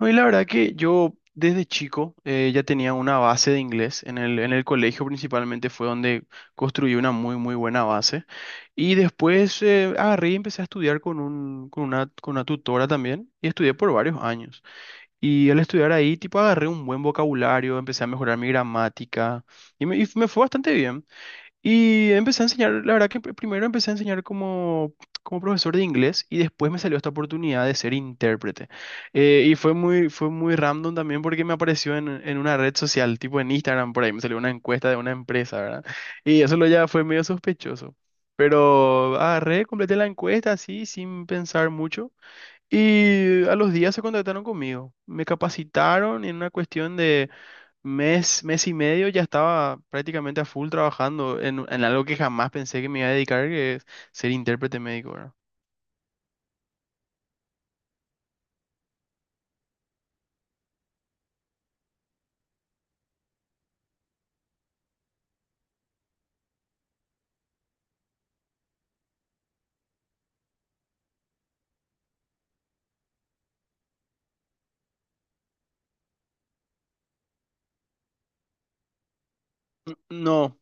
No, y la verdad que yo desde chico ya tenía una base de inglés. En el colegio principalmente fue donde construí una muy buena base. Y después agarré y empecé a estudiar con una tutora también. Y estudié por varios años. Y al estudiar ahí, tipo, agarré un buen vocabulario, empecé a mejorar mi gramática. Y me fue bastante bien. Y empecé a enseñar, la verdad que primero empecé a enseñar como, como profesor de inglés y después me salió esta oportunidad de ser intérprete. Fue muy random también porque me apareció en una red social, tipo en Instagram, por ahí me salió una encuesta de una empresa, ¿verdad? Y eso lo ya fue medio sospechoso. Pero agarré, completé la encuesta así, sin pensar mucho. Y a los días se contactaron conmigo. Me capacitaron en una cuestión mes, mes y medio ya estaba prácticamente a full trabajando en algo que jamás pensé que me iba a dedicar, que es ser intérprete médico, ¿verdad? No,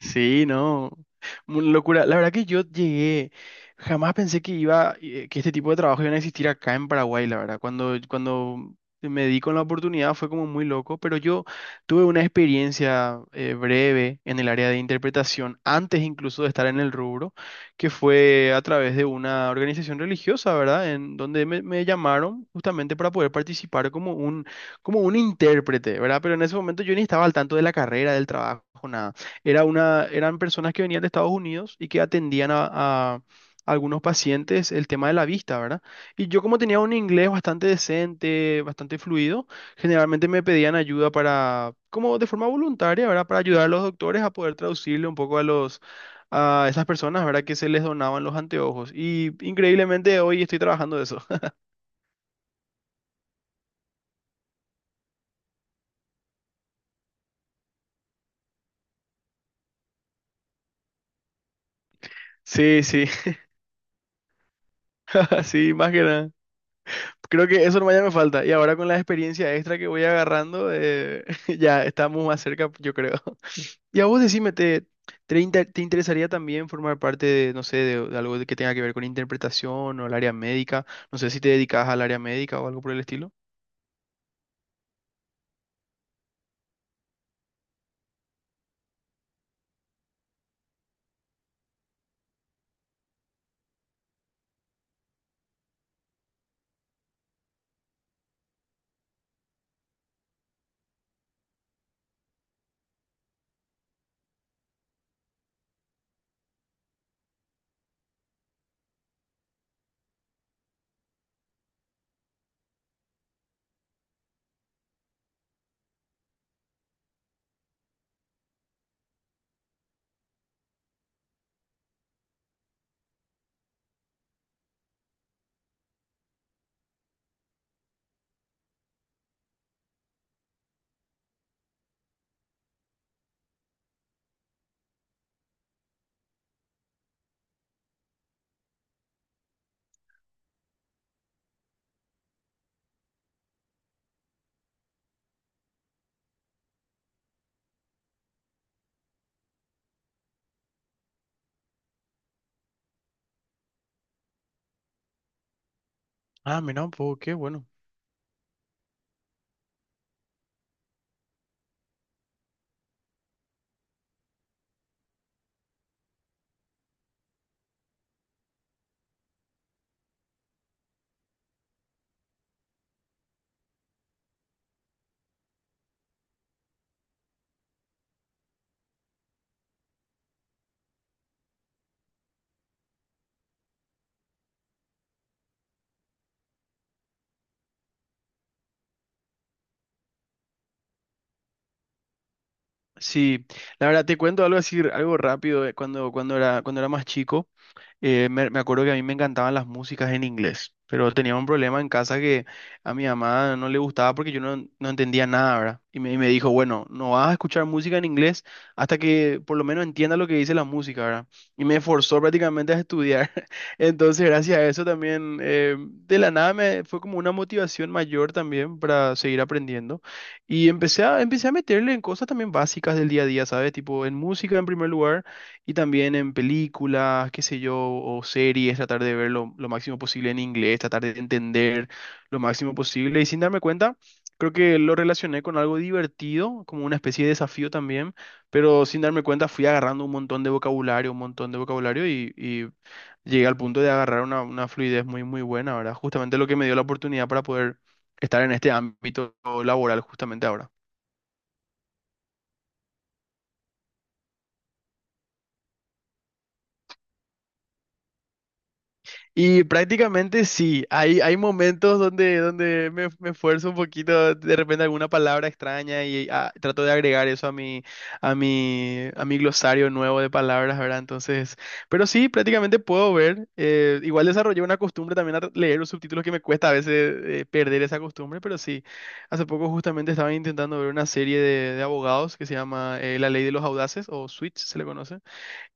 sí, no. Una locura. La verdad que yo llegué, jamás pensé que que este tipo de trabajo iban a existir acá en Paraguay, la verdad. Cuando me di con la oportunidad fue como muy loco, pero yo tuve una experiencia breve en el área de interpretación, antes incluso de estar en el rubro, que fue a través de una organización religiosa, ¿verdad? En donde me llamaron justamente para poder participar como un intérprete, ¿verdad? Pero en ese momento yo ni estaba al tanto de la carrera, del trabajo, nada. Eran personas que venían de Estados Unidos y que atendían a algunos pacientes el tema de la vista, ¿verdad? Y yo como tenía un inglés bastante decente, bastante fluido, generalmente me pedían ayuda para, como de forma voluntaria, ¿verdad? Para ayudar a los doctores a poder traducirle un poco a los, a esas personas, ¿verdad? Que se les donaban los anteojos. Y increíblemente hoy estoy trabajando de eso. Sí, sí, sí, más que nada. Creo que eso nomás ya me falta. Y ahora con la experiencia extra que voy agarrando, ya estamos más cerca, yo creo. Y a vos decime, ¿ te interesaría también formar parte de, no sé, de algo que tenga que ver con interpretación o el área médica? No sé si te dedicas al área médica o algo por el estilo. Ah, mira un poco, qué bueno. Sí, la verdad te cuento algo así, algo rápido. Cuando cuando era más chico. Me acuerdo que a mí me encantaban las músicas en inglés, pero tenía un problema en casa que a mi mamá no le gustaba porque yo no entendía nada, ¿verdad? Y me dijo, bueno, no vas a escuchar música en inglés hasta que por lo menos entiendas lo que dice la música, ¿verdad? Y me forzó prácticamente a estudiar. Entonces, gracias a eso también, de la nada me fue como una motivación mayor también para seguir aprendiendo. Y empecé a meterle en cosas también básicas del día a día, ¿sabes? Tipo en música en primer lugar. Y también en películas, qué sé yo, o series, tratar de ver lo máximo posible en inglés, tratar de entender lo máximo posible. Y sin darme cuenta, creo que lo relacioné con algo divertido, como una especie de desafío también, pero sin darme cuenta fui agarrando un montón de vocabulario, un montón de vocabulario y llegué al punto de agarrar una fluidez muy buena, ¿verdad? Justamente lo que me dio la oportunidad para poder estar en este ámbito laboral justamente ahora. Y prácticamente sí, hay momentos donde, donde me esfuerzo un poquito, de repente alguna palabra extraña y ah, trato de agregar eso a a mi glosario nuevo de palabras, ¿verdad? Entonces, pero sí, prácticamente puedo ver. Igual desarrollé una costumbre también a leer los subtítulos que me cuesta a veces perder esa costumbre, pero sí, hace poco justamente estaba intentando ver una serie de abogados que se llama La Ley de los Audaces o Switch, se le conoce.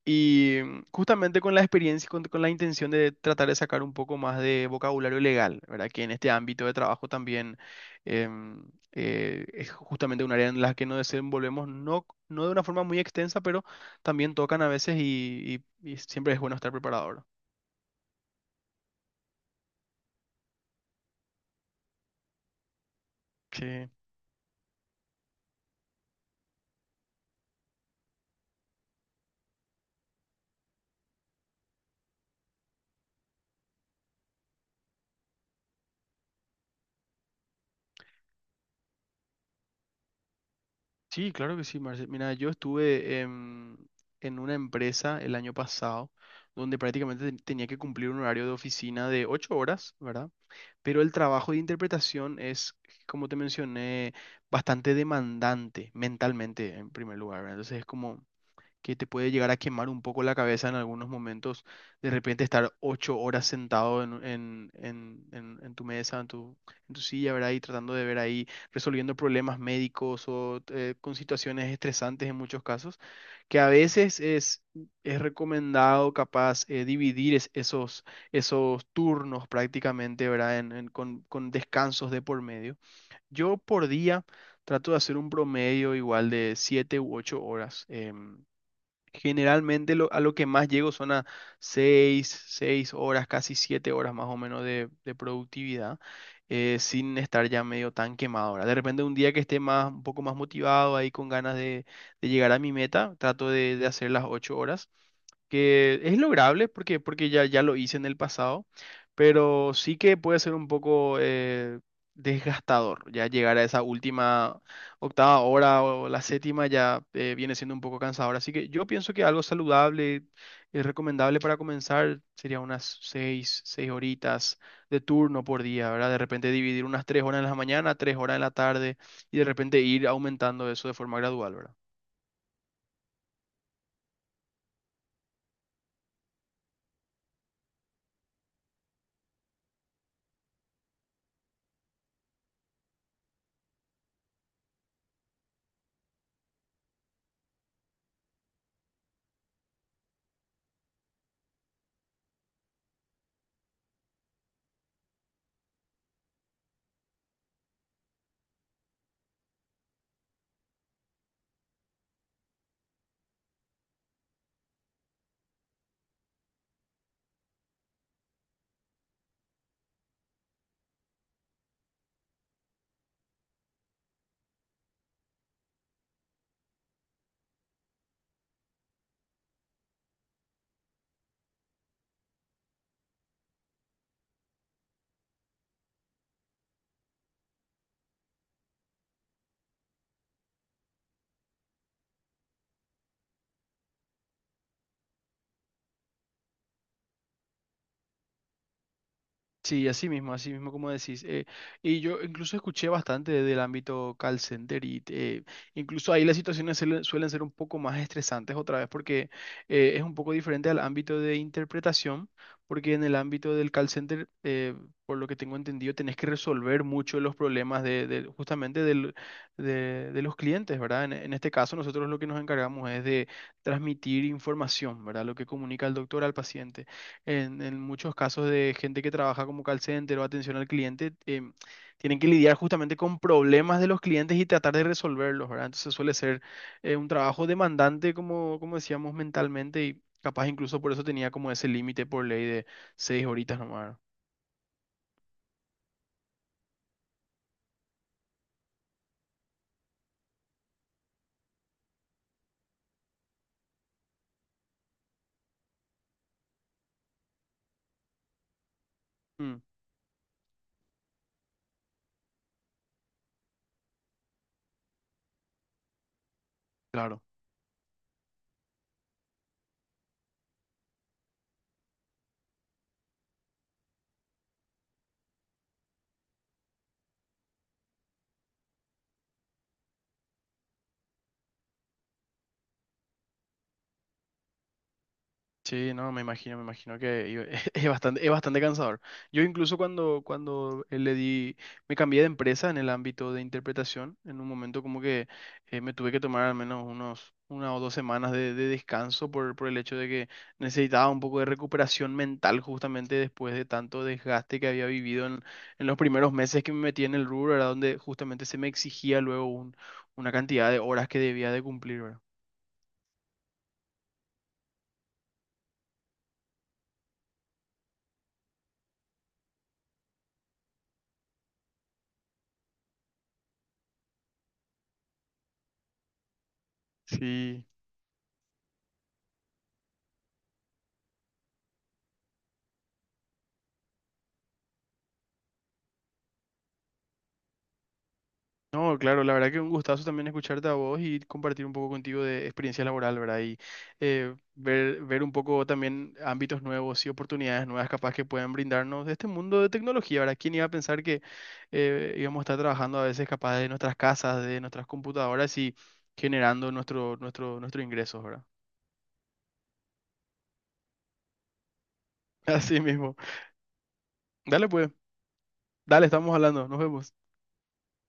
Y mm, justamente con la experiencia, con la intención de tratar de sacar un poco más de vocabulario legal, ¿verdad? Que en este ámbito de trabajo también em, es justamente un área en la que nos desenvolvemos, no de una forma muy extensa, pero también tocan a veces y siempre es bueno estar preparado, ¿verdad? Sí, sí, claro que sí, Marce. Mira, yo estuve en una empresa el año pasado donde prácticamente tenía que cumplir un horario de oficina de ocho horas, ¿verdad? Pero el trabajo de interpretación es, como te mencioné, bastante demandante mentalmente en primer lugar, ¿verdad? Entonces es como que te puede llegar a quemar un poco la cabeza en algunos momentos, de repente estar ocho horas sentado en tu mesa, en tu silla, ¿verdad? Y tratando de ver ahí, resolviendo problemas médicos o con situaciones estresantes en muchos casos, que a veces es recomendado capaz dividir esos turnos prácticamente, ¿verdad? Con descansos de por medio. Yo por día... Trato de hacer un promedio igual de siete u ocho horas. Generalmente a lo que más llego son a 6 horas, casi 7 horas más o menos de productividad, sin estar ya medio tan quemado. Ahora, de repente un día que esté más, un poco más motivado ahí con ganas de llegar a mi meta, trato de hacer las 8 horas, que es lograble porque ya lo hice en el pasado, pero sí que puede ser un poco desgastador. Ya llegar a esa última octava hora o la séptima ya viene siendo un poco cansador. Así que yo pienso que algo saludable y recomendable para comenzar sería unas seis horitas de turno por día, ¿verdad? De repente dividir unas tres horas en la mañana, tres horas en la tarde y de repente ir aumentando eso de forma gradual, ¿verdad? Sí, así mismo como decís. Y yo incluso escuché bastante del ámbito call center y incluso ahí las situaciones suelen suelen ser un poco más estresantes otra vez porque es un poco diferente al ámbito de interpretación, porque en el ámbito del call center, por lo que tengo entendido, tenés que resolver mucho los problemas justamente de los clientes, ¿verdad? En este caso, nosotros lo que nos encargamos es de transmitir información, ¿verdad? Lo que comunica el doctor al paciente. En muchos casos de gente que trabaja como call center o atención al cliente, tienen que lidiar justamente con problemas de los clientes y tratar de resolverlos, ¿verdad? Entonces suele ser un trabajo demandante, como, como decíamos, mentalmente y capaz incluso por eso tenía como ese límite por ley de seis horitas nomás. ¿No? Mm, claro. Sí, no, me imagino es bastante cansador. Yo incluso cuando me cambié de empresa en el ámbito de interpretación, en un momento como que me tuve que tomar al menos una o dos semanas de descanso por el hecho de que necesitaba un poco de recuperación mental justamente después de tanto desgaste que había vivido en los primeros meses que me metí en el rubro, era donde justamente se me exigía luego una cantidad de horas que debía de cumplir, ¿verdad? Sí. No, claro, la verdad que un gustazo también escucharte a vos y compartir un poco contigo de experiencia laboral, ¿verdad? Y ver un poco también ámbitos nuevos y oportunidades nuevas capaz que pueden brindarnos de este mundo de tecnología, ¿verdad? ¿Quién iba a pensar que íbamos a estar trabajando a veces capaz de nuestras casas, de nuestras computadoras y generando nuestro ingreso, ¿verdad? Así mismo. Dale pues, dale, estamos hablando, nos vemos.